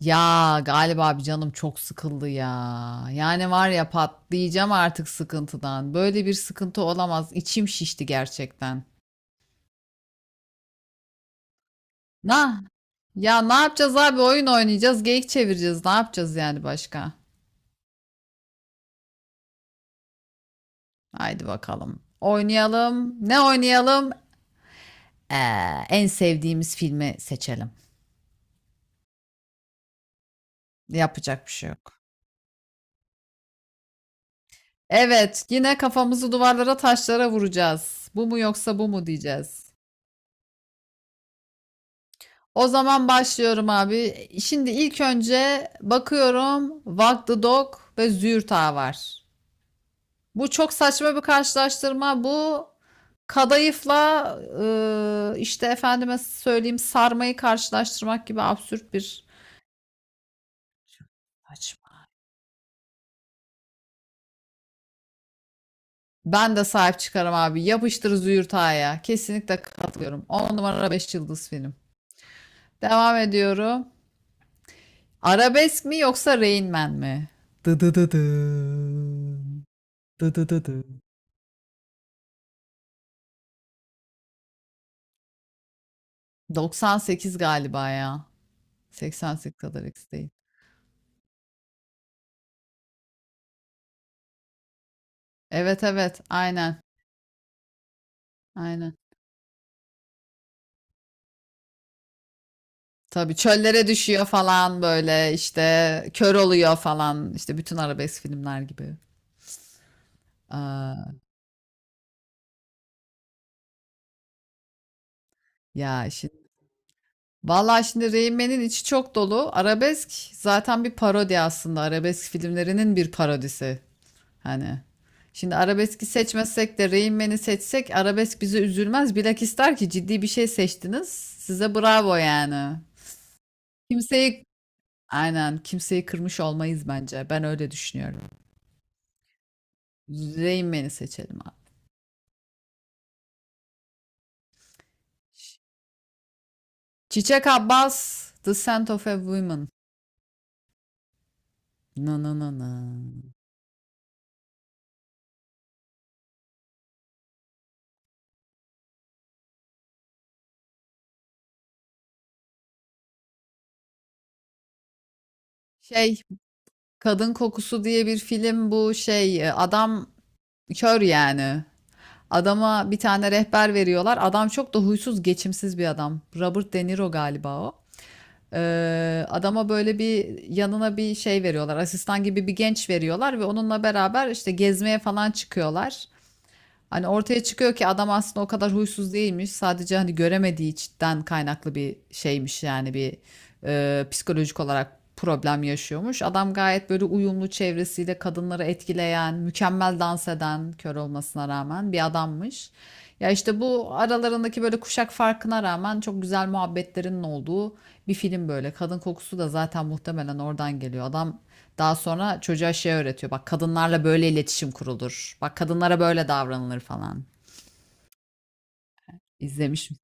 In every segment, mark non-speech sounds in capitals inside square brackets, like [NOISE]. Ya galiba abi canım çok sıkıldı ya. Yani var ya, patlayacağım artık sıkıntıdan. Böyle bir sıkıntı olamaz. İçim şişti gerçekten. Na ya, ne yapacağız abi? Oyun oynayacağız, geyik çevireceğiz. Ne yapacağız yani başka? Haydi bakalım. Oynayalım. Ne oynayalım? Ee, En sevdiğimiz filmi seçelim. Yapacak bir şey yok. Evet, yine kafamızı duvarlara, taşlara vuracağız. Bu mu yoksa bu mu diyeceğiz. O zaman başlıyorum abi. Şimdi ilk önce bakıyorum, Walk the Dog ve zürta var. Bu çok saçma bir karşılaştırma. Bu kadayıfla işte efendime söyleyeyim, sarmayı karşılaştırmak gibi absürt bir saçma. Ben de sahip çıkarım abi. Yapıştır zürtaya. Kesinlikle katılıyorum. 10 numara 5 yıldız film. Devam ediyorum. Arabesk mi yoksa Rain Man mi? Dı dı dı dı. Dı dı dı dı. 98 galiba ya. 88 kadar X değil. Evet evet, aynen. Tabii çöllere düşüyor falan, böyle işte kör oluyor falan işte, bütün arabesk filmler gibi. Aa, ya şimdi, vallahi şimdi Rain Man'in içi çok dolu. Arabesk zaten bir parodi aslında. Arabesk filmlerinin bir parodisi. Hani şimdi arabeski seçmezsek de, Rain Man'i seçsek, arabesk bizi üzülmez. Bilakis der ki ciddi bir şey seçtiniz. Size bravo yani. Kimseyi Aynen, kimseyi kırmış olmayız bence. Ben öyle düşünüyorum. Rain Man'i seçelim abi. Çiçek Abbas, The Scent of a Woman. Na na na na. Şey, Kadın Kokusu diye bir film bu, adam kör yani. Adama bir tane rehber veriyorlar. Adam çok da huysuz, geçimsiz bir adam. Robert De Niro galiba o. Adama böyle bir yanına bir şey veriyorlar. Asistan gibi bir genç veriyorlar ve onunla beraber işte gezmeye falan çıkıyorlar. Hani ortaya çıkıyor ki adam aslında o kadar huysuz değilmiş. Sadece hani göremediği içten kaynaklı bir şeymiş yani, bir psikolojik olarak problem yaşıyormuş. Adam gayet böyle uyumlu, çevresiyle kadınları etkileyen, mükemmel dans eden, kör olmasına rağmen bir adammış. Ya işte bu aralarındaki böyle kuşak farkına rağmen çok güzel muhabbetlerinin olduğu bir film böyle. Kadın kokusu da zaten muhtemelen oradan geliyor. Adam daha sonra çocuğa şey öğretiyor. Bak kadınlarla böyle iletişim kurulur. Bak kadınlara böyle davranılır falan. İzlemiş mi?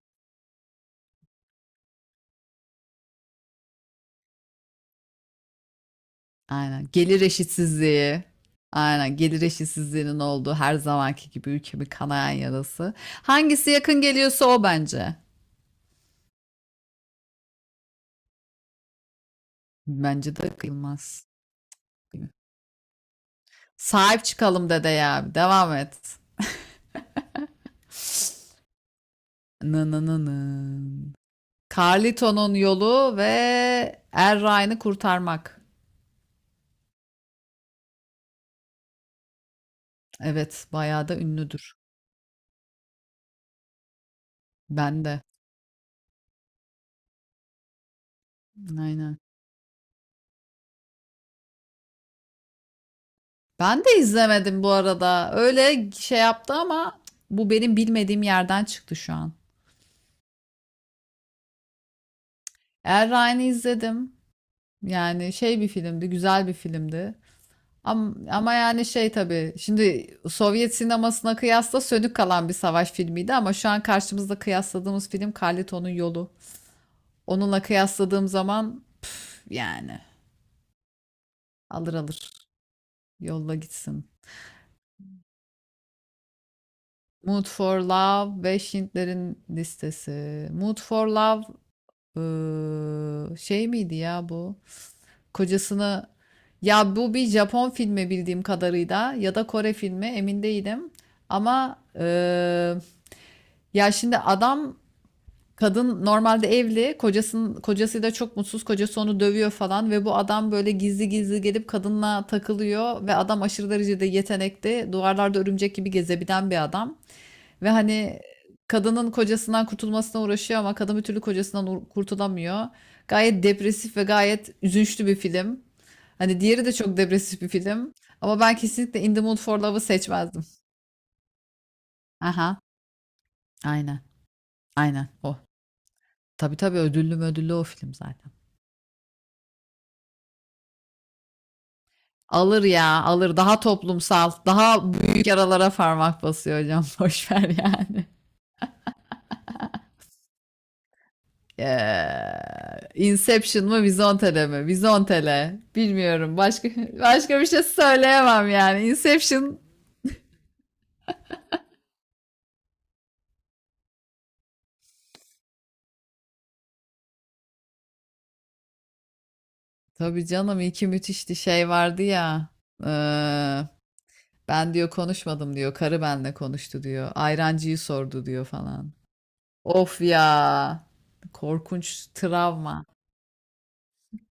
Aynen. Gelir eşitsizliği. Aynen. Gelir eşitsizliğinin olduğu, her zamanki gibi ülkemin kanayan yarası. Hangisi yakın geliyorsa o bence. Bence de kıyılmaz. Sahip çıkalım dede ya. Devam et. Nınınının. Carlito'nun yolu ve Er Ryan'ı kurtarmak. Evet, bayağı da ünlüdür. Ben de. Aynen. Ben de izlemedim bu arada. Öyle şey yaptı ama bu benim bilmediğim yerden çıktı şu an. Er Ryan'ı izledim. Yani şey bir filmdi, güzel bir filmdi. Ama yani şey tabii. Şimdi Sovyet sinemasına kıyasla sönük kalan bir savaş filmiydi, ama şu an karşımızda kıyasladığımız film Carlito'nun yolu. Onunla kıyasladığım zaman yani alır alır yolla gitsin. Mood for Love ve Schindler'in listesi. Mood for Love şey miydi ya bu? Kocasını, ya bu bir Japon filmi bildiğim kadarıyla ya da Kore filmi, emin değilim. Ama ya şimdi adam, kadın normalde evli, kocasının kocasıyla çok mutsuz, kocası onu dövüyor falan ve bu adam böyle gizli gizli gelip kadınla takılıyor ve adam aşırı derecede yetenekli, duvarlarda örümcek gibi gezebilen bir adam. Ve hani kadının kocasından kurtulmasına uğraşıyor ama kadın bir türlü kocasından kurtulamıyor. Gayet depresif ve gayet üzünçlü bir film. Hani diğeri de çok depresif bir film ama ben kesinlikle In the Mood for Love'ı seçmezdim. Aha, aynen. Aynen o. Tabii tabii, ödüllü o film zaten. Alır ya, alır. Daha toplumsal, daha büyük yaralara parmak basıyor hocam. [LAUGHS] Boş ver yani. Inception mı, Vizontele mi? Vizontele. Bilmiyorum. Başka [LAUGHS] başka bir şey söyleyemem yani. Inception. Tabii canım iki müthişti, şey vardı ya. Eee, Ben diyor konuşmadım diyor. Karı benle konuştu diyor. Ayrancıyı sordu diyor falan. Of ya. Korkunç travma.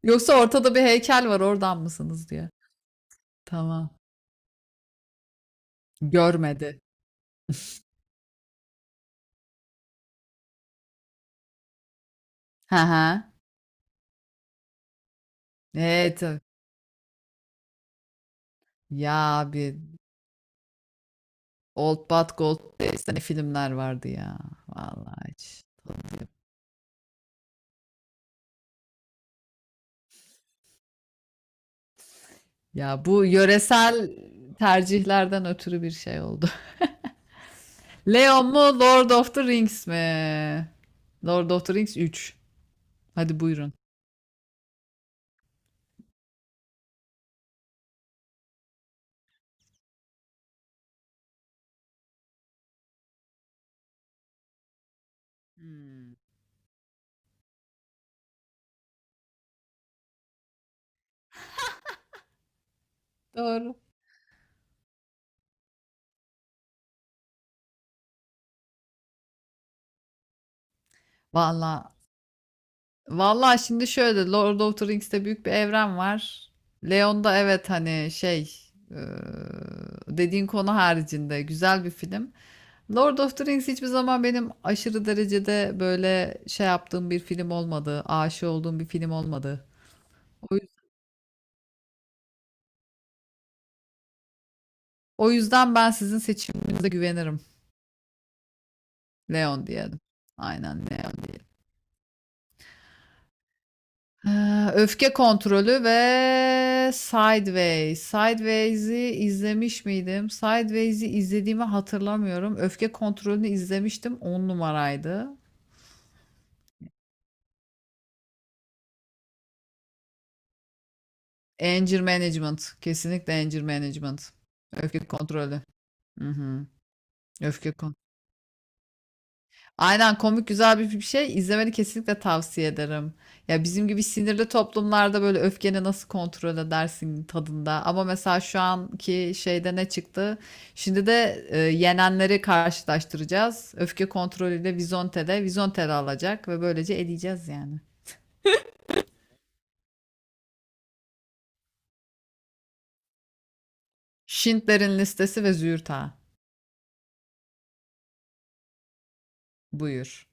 Yoksa ortada bir heykel var, oradan mısınız diyor. Tamam. Görmedi. Hı hı. Evet. Ya abi, Old But Gold diye sene filmler vardı ya. Vallahi hiç tanımıyorum. Ya bu yöresel tercihlerden ötürü bir şey oldu. [LAUGHS] Leon mu, Lord of the Rings mi? Lord of the Rings 3. Hadi buyurun. Doğru. Vallahi Vallahi, şimdi şöyle, Lord of the Rings'te büyük bir evren var. Leon'da evet, hani e, dediğin konu haricinde güzel bir film. Lord of the Rings hiçbir zaman benim aşırı derecede böyle şey yaptığım bir film olmadı. Aşık olduğum bir film olmadı. O, yüz- O yüzden ben sizin seçiminize güvenirim. Leon diyelim. Aynen Leon diyelim. Ha, Öfke kontrolü ve Sideways. Sideways'i izlemiş miydim? Sideways'i izlediğimi hatırlamıyorum. Öfke kontrolünü izlemiştim. 10 numaraydı. Anger Management. Kesinlikle Anger Management. Öfke kontrolü. Hı hı. Öfke kontrolü. Aynen komik güzel bir şey. İzlemeni kesinlikle tavsiye ederim. Ya bizim gibi sinirli toplumlarda böyle öfkeni nasıl kontrol edersin tadında. Ama mesela şu anki şeyde ne çıktı? Şimdi de yenenleri karşılaştıracağız. Öfke kontrolüyle Vizonte'de. Vizonte'de alacak ve böylece eleyeceğiz yani. Schindler'in listesi ve Züğürt Ağa. Buyur.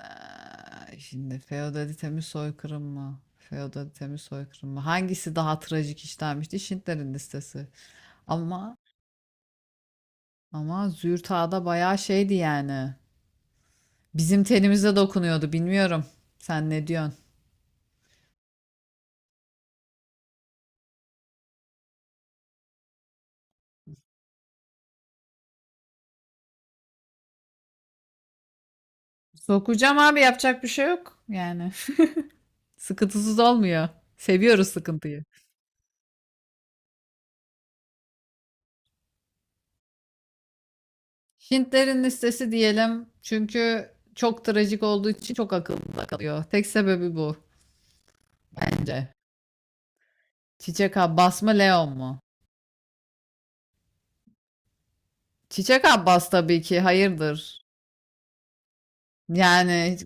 Aa, şimdi feodalite mi soykırım mı? Feodalite mi soykırım mı? Hangisi daha trajik işlenmişti? Schindler'in listesi. Ama Ama Züğürt Ağa da bayağı şeydi yani. Bizim tenimize dokunuyordu, bilmiyorum. Sen ne diyorsun? Sokacağım abi, yapacak bir şey yok. Yani [LAUGHS] sıkıntısız olmuyor. Seviyoruz sıkıntıyı. Hintlerin listesi diyelim. Çünkü çok trajik olduğu için çok akılda kalıyor. Tek sebebi bu bence. Çiçek Abbas mı Leon mu? Çiçek Abbas tabii ki hayırdır. Yani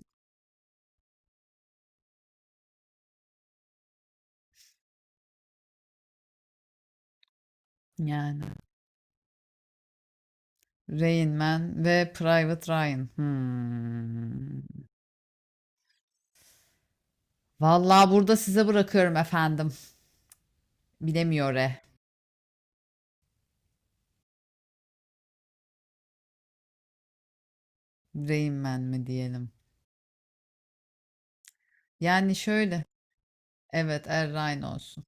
yani Rain Man ve Private Ryan. Hmm. Vallahi burada size bırakıyorum efendim. Bilemiyor e. Rain Man mi diyelim. Yani şöyle. Evet Er Ryan olsun.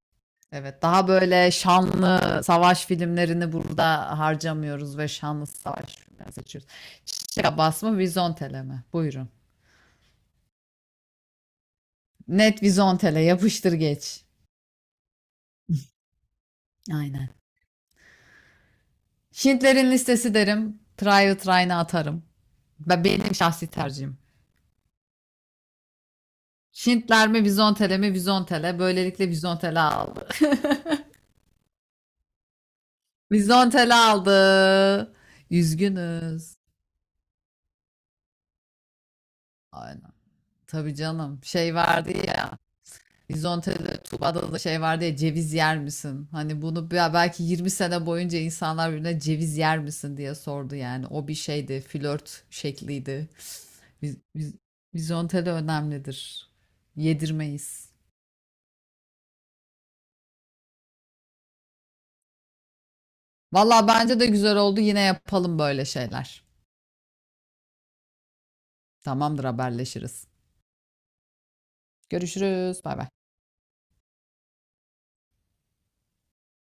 Evet, daha böyle şanlı savaş filmlerini burada harcamıyoruz ve şanlı savaş filmleri seçiyoruz. Çiçek Abbas mı Vizontele mi? Buyurun. Net Vizontele, yapıştır geç. Aynen. Şintlerin listesi derim. Try it Ryan'a atarım. Benim şahsi tercihim. Şintler mi Vizontele mi, Vizontele. Böylelikle Vizontele aldı. Vizontel aldı. Üzgünüz. Aynen. Tabii canım. Şey vardı ya. Vizontel'de Tuba'da da şey vardı ya, ceviz yer misin? Hani bunu belki 20 sene boyunca insanlar birbirine ceviz yer misin diye sordu yani. O bir şeydi. Flört şekliydi. Viz, viz, Vizontele önemlidir. Yedirmeyiz. Valla bence de güzel oldu. Yine yapalım böyle şeyler. Tamamdır haberleşiriz. Görüşürüz. Bay bay.